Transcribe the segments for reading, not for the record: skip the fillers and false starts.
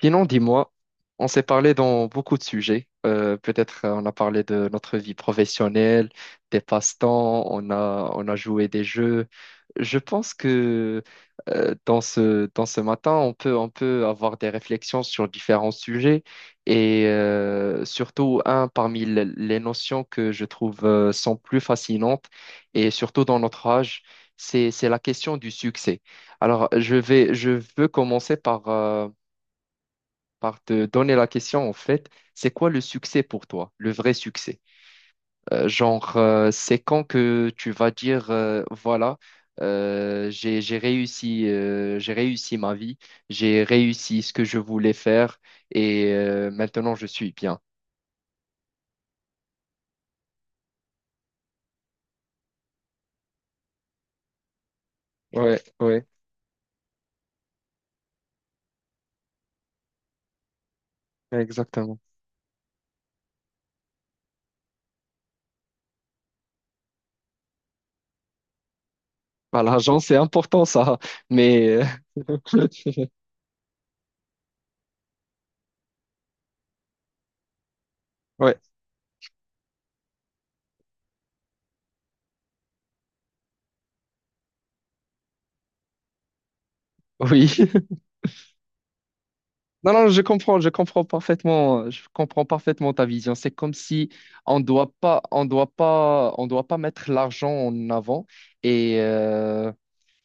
Sinon, dis-moi, on s'est parlé dans beaucoup de sujets. Peut-être on a parlé de notre vie professionnelle, des passe-temps, on a joué des jeux. Je pense que dans ce matin, on peut avoir des réflexions sur différents sujets et surtout un parmi les notions que je trouve sont plus fascinantes, et surtout dans notre âge, c'est la question du succès. Alors, je veux commencer par te donner la question, en fait, c'est quoi le succès pour toi, le vrai succès? Genre, c'est quand que tu vas dire, voilà, j'ai réussi, j'ai réussi ma vie, j'ai réussi ce que je voulais faire, et maintenant je suis bien. Ouais, ouais, exactement. Bah, l'argent, c'est important, ça, mais ouais, oui. Non, non, je comprends, parfaitement, je comprends parfaitement ta vision. C'est comme si on doit pas mettre l'argent en avant, et, euh,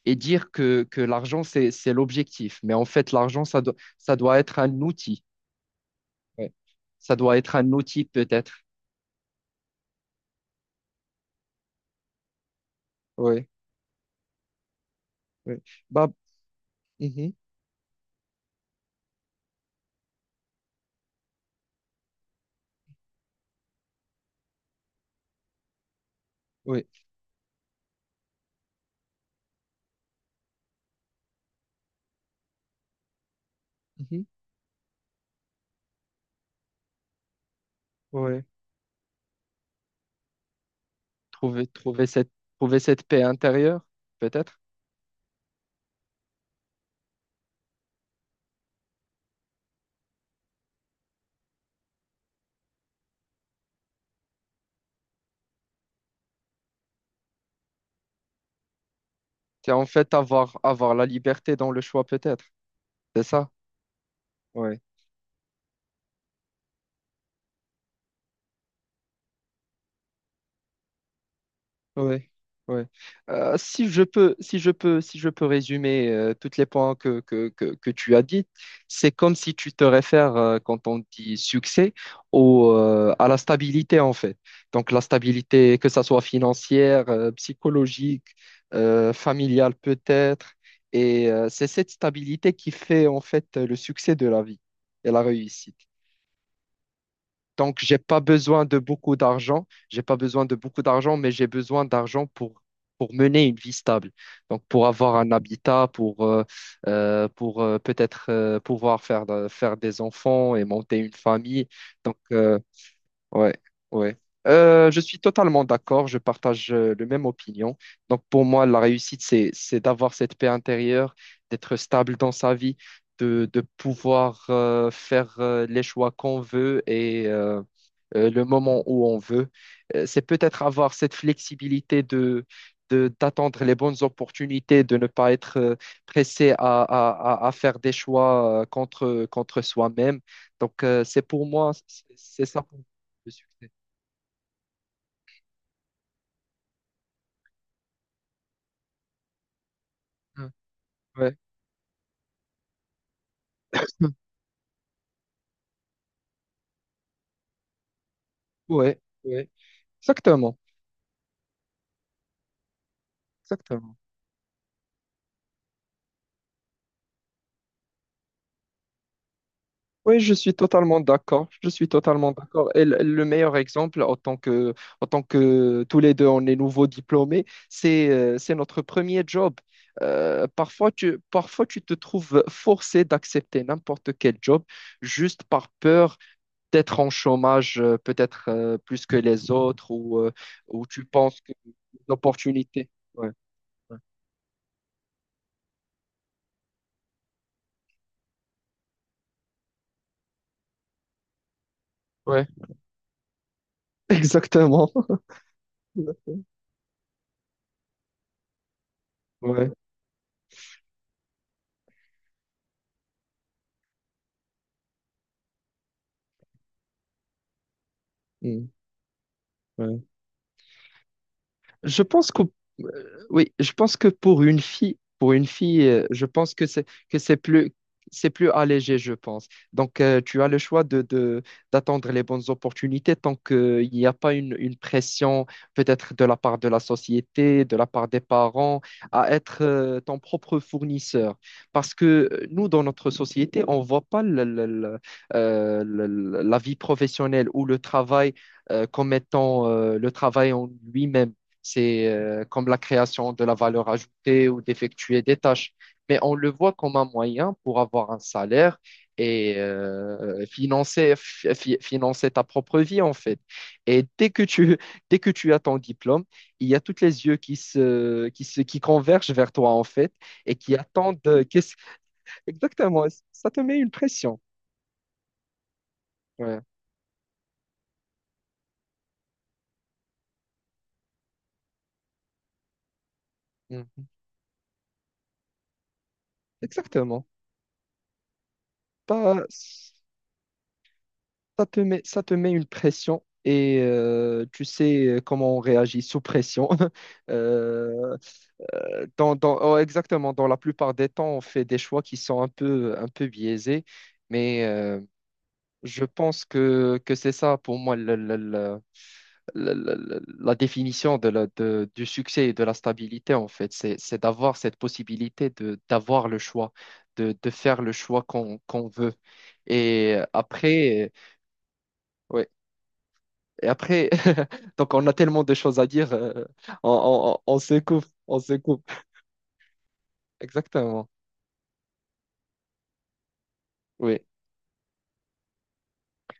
et dire que l'argent, c'est l'objectif. Mais en fait, l'argent, ça doit être un outil. Ouais. Ça doit être un outil peut-être. Oui, oui. Bah, mhm, oui, mhm, oui. Trouver, trouver cette, trouver cette paix intérieure, peut-être. C'est en fait avoir la liberté dans le choix, peut-être. C'est ça? Ouais. Ouais, ouais. Si je peux si je peux, résumer tous les points que tu as dit, c'est comme si tu te réfères, quand on dit succès, à la stabilité en fait. Donc la stabilité, que ça soit financière, psychologique, familiale peut-être, et c'est cette stabilité qui fait en fait le succès de la vie et la réussite. Donc, j'ai pas besoin de beaucoup d'argent. J'ai pas besoin de beaucoup d'argent, mais j'ai besoin d'argent pour mener une vie stable. Donc, pour avoir un habitat, pour peut-être pouvoir faire, faire des enfants et monter une famille. Donc, ouais, ouais. Je suis totalement d'accord, je partage le même opinion. Donc pour moi, la réussite, c'est d'avoir cette paix intérieure, d'être stable dans sa vie, de pouvoir faire les choix qu'on veut, et le moment où on veut. C'est peut-être avoir cette flexibilité d'attendre les bonnes opportunités, de ne pas être pressé à faire des choix contre soi-même. Donc c'est pour moi, c'est ça. Le succès. Hein. Ouais, ouais, ouais. Exactement, exactement. Oui, je suis totalement d'accord. Je suis totalement d'accord. Et le meilleur exemple, en tant que tous les deux, on est nouveaux diplômés, c'est notre premier job. Parfois, tu te trouves forcé d'accepter n'importe quel job juste par peur d'être en chômage, peut-être plus que les autres, ou tu penses que l'opportunité. Ouais, ouais, ouais, exactement. Ouais. Mmh, ouais. Je pense que oui, je pense que pour une fille, je pense que c'est plus allégé, je pense. Donc tu as le choix de d'attendre les bonnes opportunités tant que il n'y a pas une pression peut-être de la part de la société, de la part des parents à être ton propre fournisseur. Parce que nous dans notre société, on voit pas la vie professionnelle ou le travail comme étant le travail en lui-même. C'est comme la création de la valeur ajoutée ou d'effectuer des tâches. Mais on le voit comme un moyen pour avoir un salaire et financer ta propre vie, en fait. Et dès que tu as ton diplôme, il y a toutes les yeux qui convergent vers toi, en fait, et qui attendent. Exactement, ça te met une pression. Ouais. Mm. Exactement. Pas. Ça te met une pression et tu sais, comment on réagit sous pression. Euh, oh, exactement, dans la plupart des temps, on fait des choix qui sont un peu biaisés, mais je pense que c'est ça pour moi la définition du succès et de la stabilité, en fait. C'est d'avoir cette possibilité d'avoir le choix, de faire le choix qu'on veut. Et après. Ouais. Et après, donc on a tellement de choses à dire, on se coupe, on se coupe. Exactement. Oui.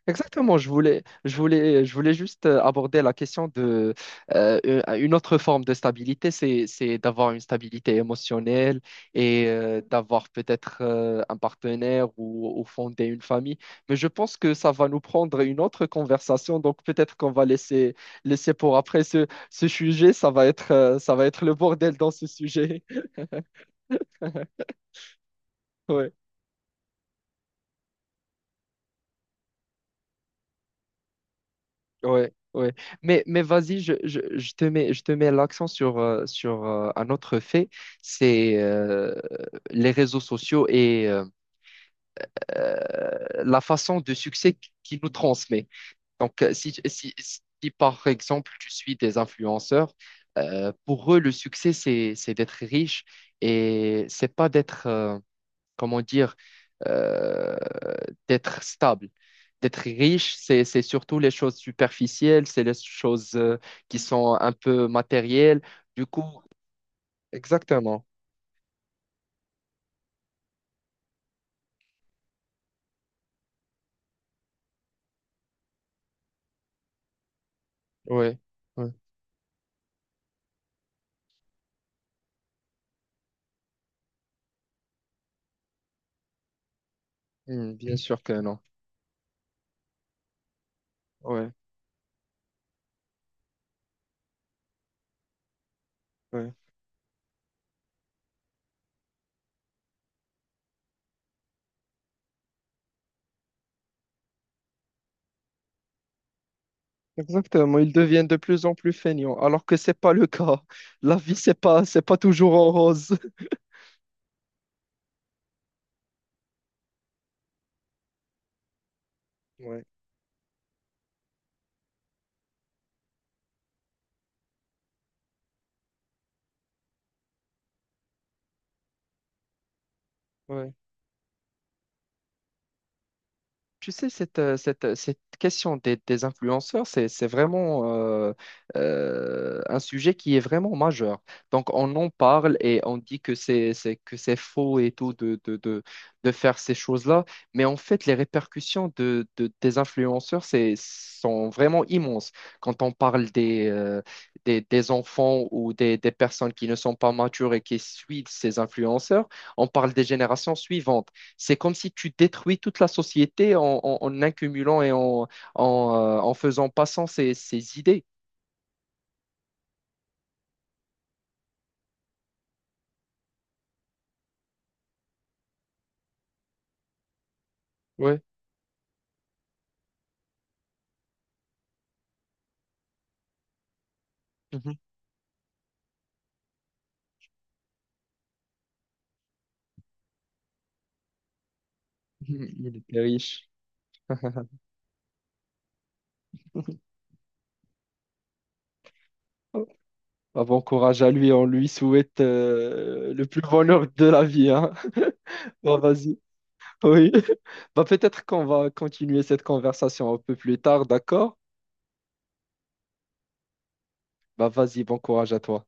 Exactement. Je voulais juste aborder la question de une autre forme de stabilité, c'est d'avoir une stabilité émotionnelle et d'avoir peut-être un partenaire ou fonder une famille. Mais je pense que ça va nous prendre une autre conversation, donc peut-être qu'on va laisser, laisser pour après ce sujet. Ça va être le bordel dans ce sujet. Ouais, ouais, ouais. Mais vas-y, je te mets l'accent sur un autre fait, c'est les réseaux sociaux et euh, la façon de succès qu'ils nous transmet. Donc, si par exemple tu suis des influenceurs, pour eux, le succès, c'est d'être riche et c'est pas comment dire, euh, d'être stable. D'être riche, c'est surtout les choses superficielles, c'est les choses qui sont un peu matérielles. Du coup, exactement. Oui, oui. Hmm, bien sûr que non. Oui, oui. Exactement. Ils deviennent de plus en plus feignants, alors que c'est pas le cas. La vie, c'est pas toujours en rose. Oui, oui. Tu sais, cette question des influenceurs, c'est vraiment un sujet qui est vraiment majeur. Donc, on en parle et on dit que que c'est faux et tout de faire ces choses-là. Mais en fait, les répercussions des influenceurs sont vraiment immenses. Quand on parle des enfants ou des personnes qui ne sont pas matures et qui suivent ces influenceurs, on parle des générations suivantes. C'est comme si tu détruis toute la société en accumulant et en faisant passant ses idées. Ouais. Mhm. Il était riche. Bah, bon courage à lui, on lui souhaite le plus bonheur de la vie, hein. Bon, vas-y. Oui. Bah, peut-être qu'on va continuer cette conversation un peu plus tard, d'accord? Bah, vas-y, bon courage à toi.